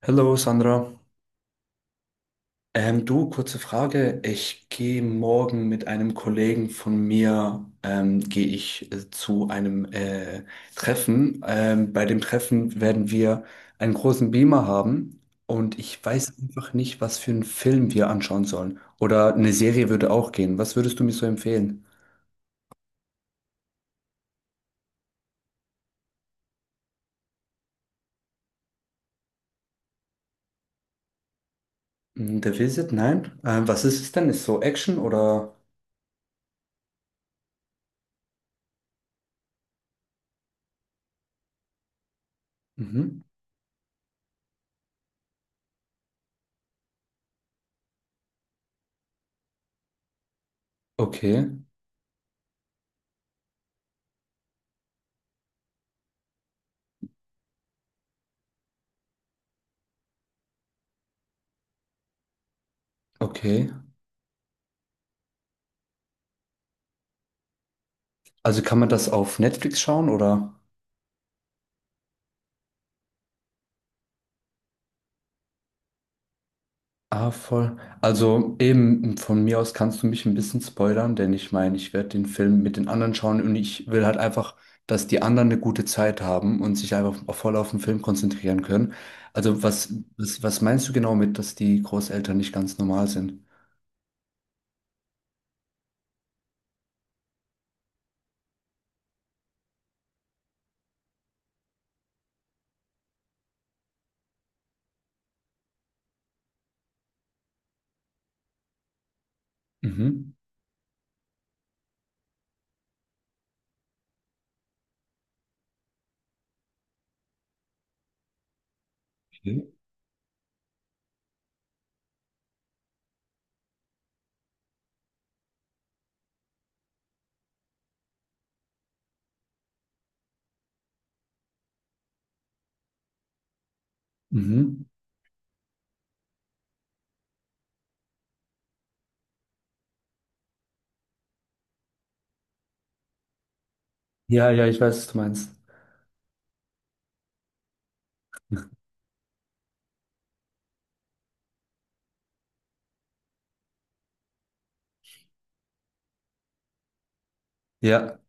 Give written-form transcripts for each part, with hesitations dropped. Hallo Sandra. Du, kurze Frage. Ich gehe morgen mit einem Kollegen von mir, gehe ich zu einem Treffen. Bei dem Treffen werden wir einen großen Beamer haben und ich weiß einfach nicht, was für einen Film wir anschauen sollen. Oder eine Serie würde auch gehen. Was würdest du mir so empfehlen? Mm, The Visit? Nein. Was ist es denn? Ist so Action oder? Mhm. Okay, okay. Also kann man das auf Netflix schauen oder? Ah, voll. Also eben von mir aus kannst du mich ein bisschen spoilern, denn ich meine, ich werde den Film mit den anderen schauen und ich will halt einfach, dass die anderen eine gute Zeit haben und sich einfach auf- voll auf den Film konzentrieren können. Also was meinst du genau mit, dass die Großeltern nicht ganz normal sind? Mhm. Okay. Mhm. Ja, ja, ich weiß, was du meinst. Ja.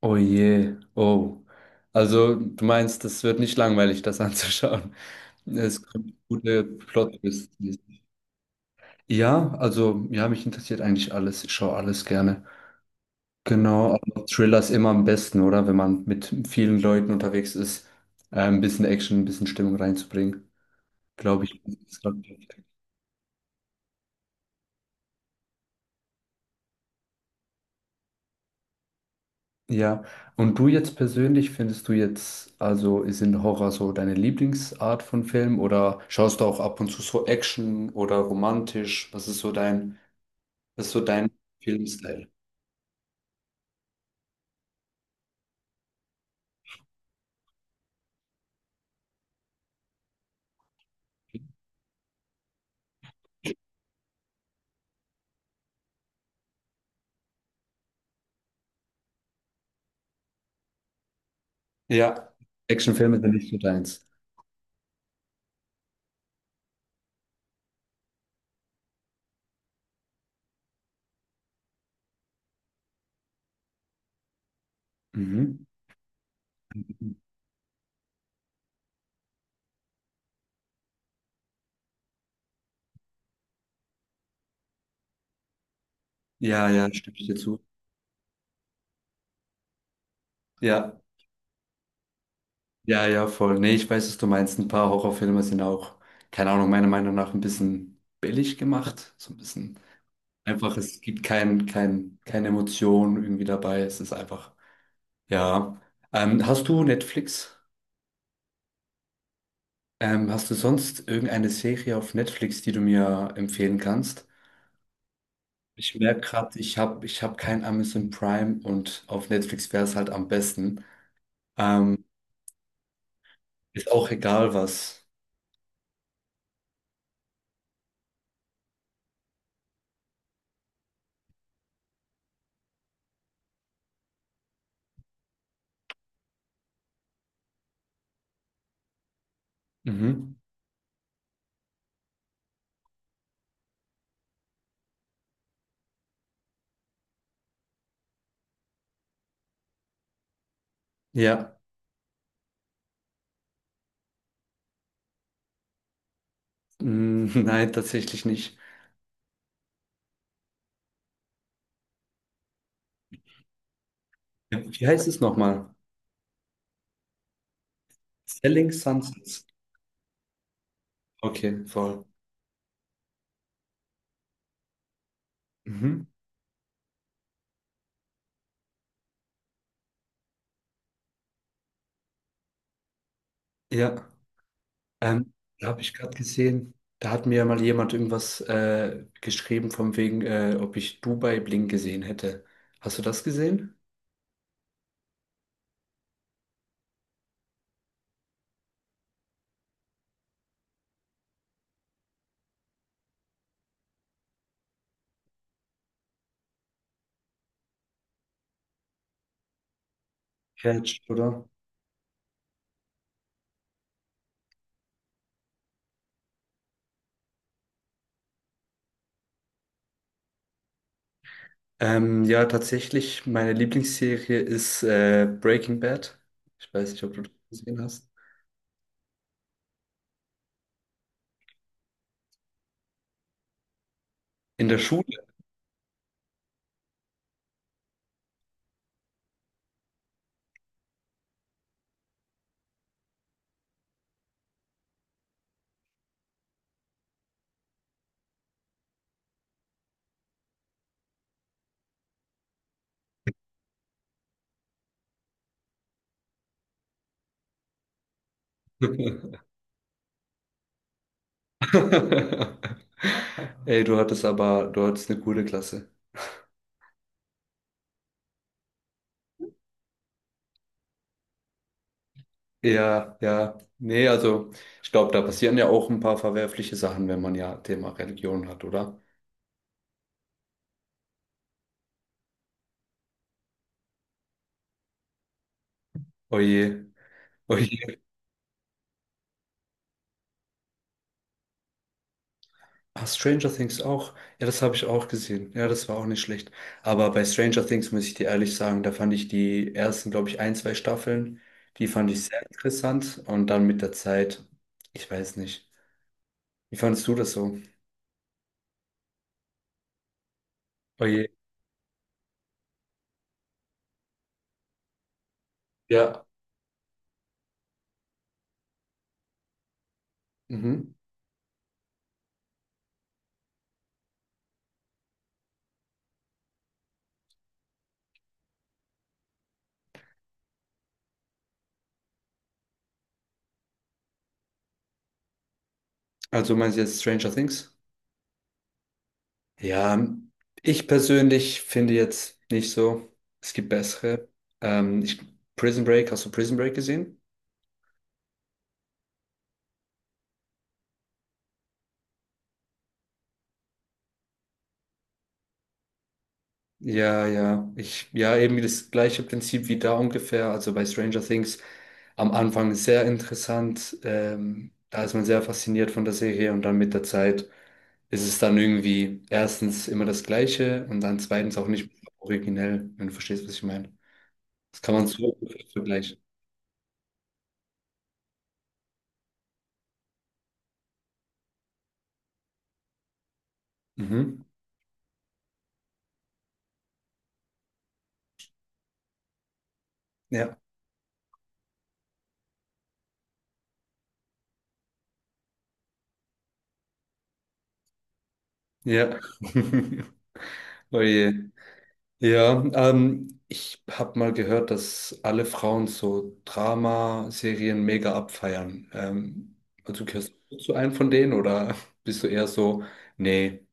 Oh je. Oh. Also du meinst, das wird nicht langweilig, das anzuschauen. Es kommt gute Plot-Twists. Ja, also ja, mich interessiert eigentlich alles. Ich schaue alles gerne. Genau, aber Thriller ist immer am besten, oder? Wenn man mit vielen Leuten unterwegs ist, ein bisschen Action, ein bisschen Stimmung reinzubringen, glaube ich. Ist grad perfekt. Ja, und du jetzt persönlich, findest du jetzt, also ist in Horror so deine Lieblingsart von Film oder schaust du auch ab und zu so Action oder romantisch? Was ist so dein Filmstyle? Ja, Actionfilme sind nicht so deins. Mhm. Ja, ja, stimme ich dir zu. Ja, ja, ja, voll. Nee, ich weiß, was du meinst. Ein paar Horrorfilme sind auch, keine Ahnung, meiner Meinung nach ein bisschen billig gemacht. So ein bisschen einfach, es gibt keine Emotion irgendwie dabei. Es ist einfach, ja. Hast du Netflix? Hast du sonst irgendeine Serie auf Netflix, die du mir empfehlen kannst? Ich merke gerade, ich hab kein Amazon Prime und auf Netflix wäre es halt am besten. Ähm, Ist auch egal was. Mhm. Ja. Mm, nein, tatsächlich nicht. Ja. Wie heißt es nochmal? Selling Sunsets. Okay, voll. Mhm. Ja, ähm, da habe ich gerade gesehen, da hat mir mal jemand irgendwas geschrieben von wegen, ob ich Dubai Bling gesehen hätte. Hast du das gesehen? Catch, oder? Ja, tatsächlich, meine Lieblingsserie ist Breaking Bad. Ich weiß nicht, ob du das gesehen hast. In der Schule. Ey, du hattest eine coole Klasse. Ja, ja. Nee, also ich glaube, da passieren ja auch ein paar verwerfliche Sachen, wenn man ja Thema Religion hat, oder? Oje, oje. Ah, Stranger Things auch. Ja, das habe ich auch gesehen. Ja, das war auch nicht schlecht. Aber bei Stranger Things muss ich dir ehrlich sagen, da fand ich die ersten, glaube ich, ein, zwei Staffeln, die fand ich sehr interessant. Und dann mit der Zeit, ich weiß nicht. Wie fandest du das so? Oje. Ja. Mhm. Also meinst du jetzt Stranger Things? Ja, ich persönlich finde jetzt nicht so. Es gibt bessere. Ähm, ich, Prison Break, hast du Prison Break gesehen? Ja, eben das gleiche Prinzip wie da ungefähr. Also bei Stranger Things am Anfang sehr interessant. Da ist man sehr fasziniert von der Serie und dann mit der Zeit ist es dann irgendwie erstens immer das Gleiche und dann zweitens auch nicht originell, wenn du verstehst, was ich meine. Das kann man so vergleichen. Mhm. Ja, ja. Oh je. Ja, ich habe mal gehört, dass alle Frauen so Drama-Serien mega abfeiern. Also gehörst du zu einem von denen oder bist du eher so, nee,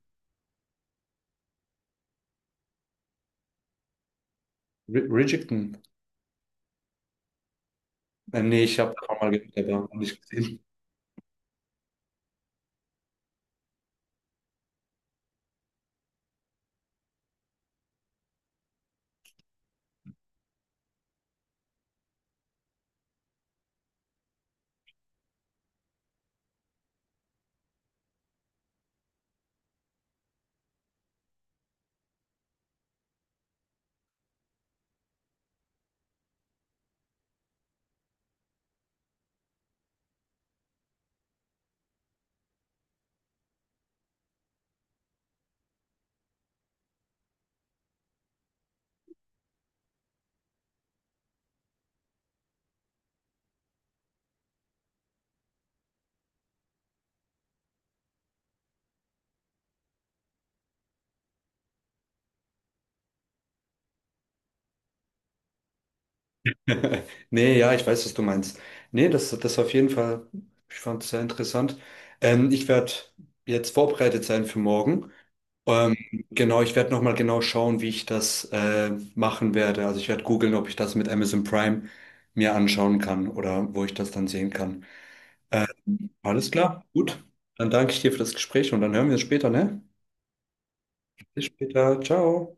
R Bridgerton? Nee, ich habe davon mal gehört, aber noch nicht gesehen. Nee, ja, ich weiß, was du meinst. Nee, das auf jeden Fall, ich fand es sehr interessant. Ich werde jetzt vorbereitet sein für morgen. Ähm, genau, ich werde nochmal genau schauen, wie ich das machen werde. Also ich werde googeln, ob ich das mit Amazon Prime mir anschauen kann oder wo ich das dann sehen kann. Äh, Alles klar, gut. Dann danke ich dir für das Gespräch und dann hören wir uns später, ne? Bis später, ciao.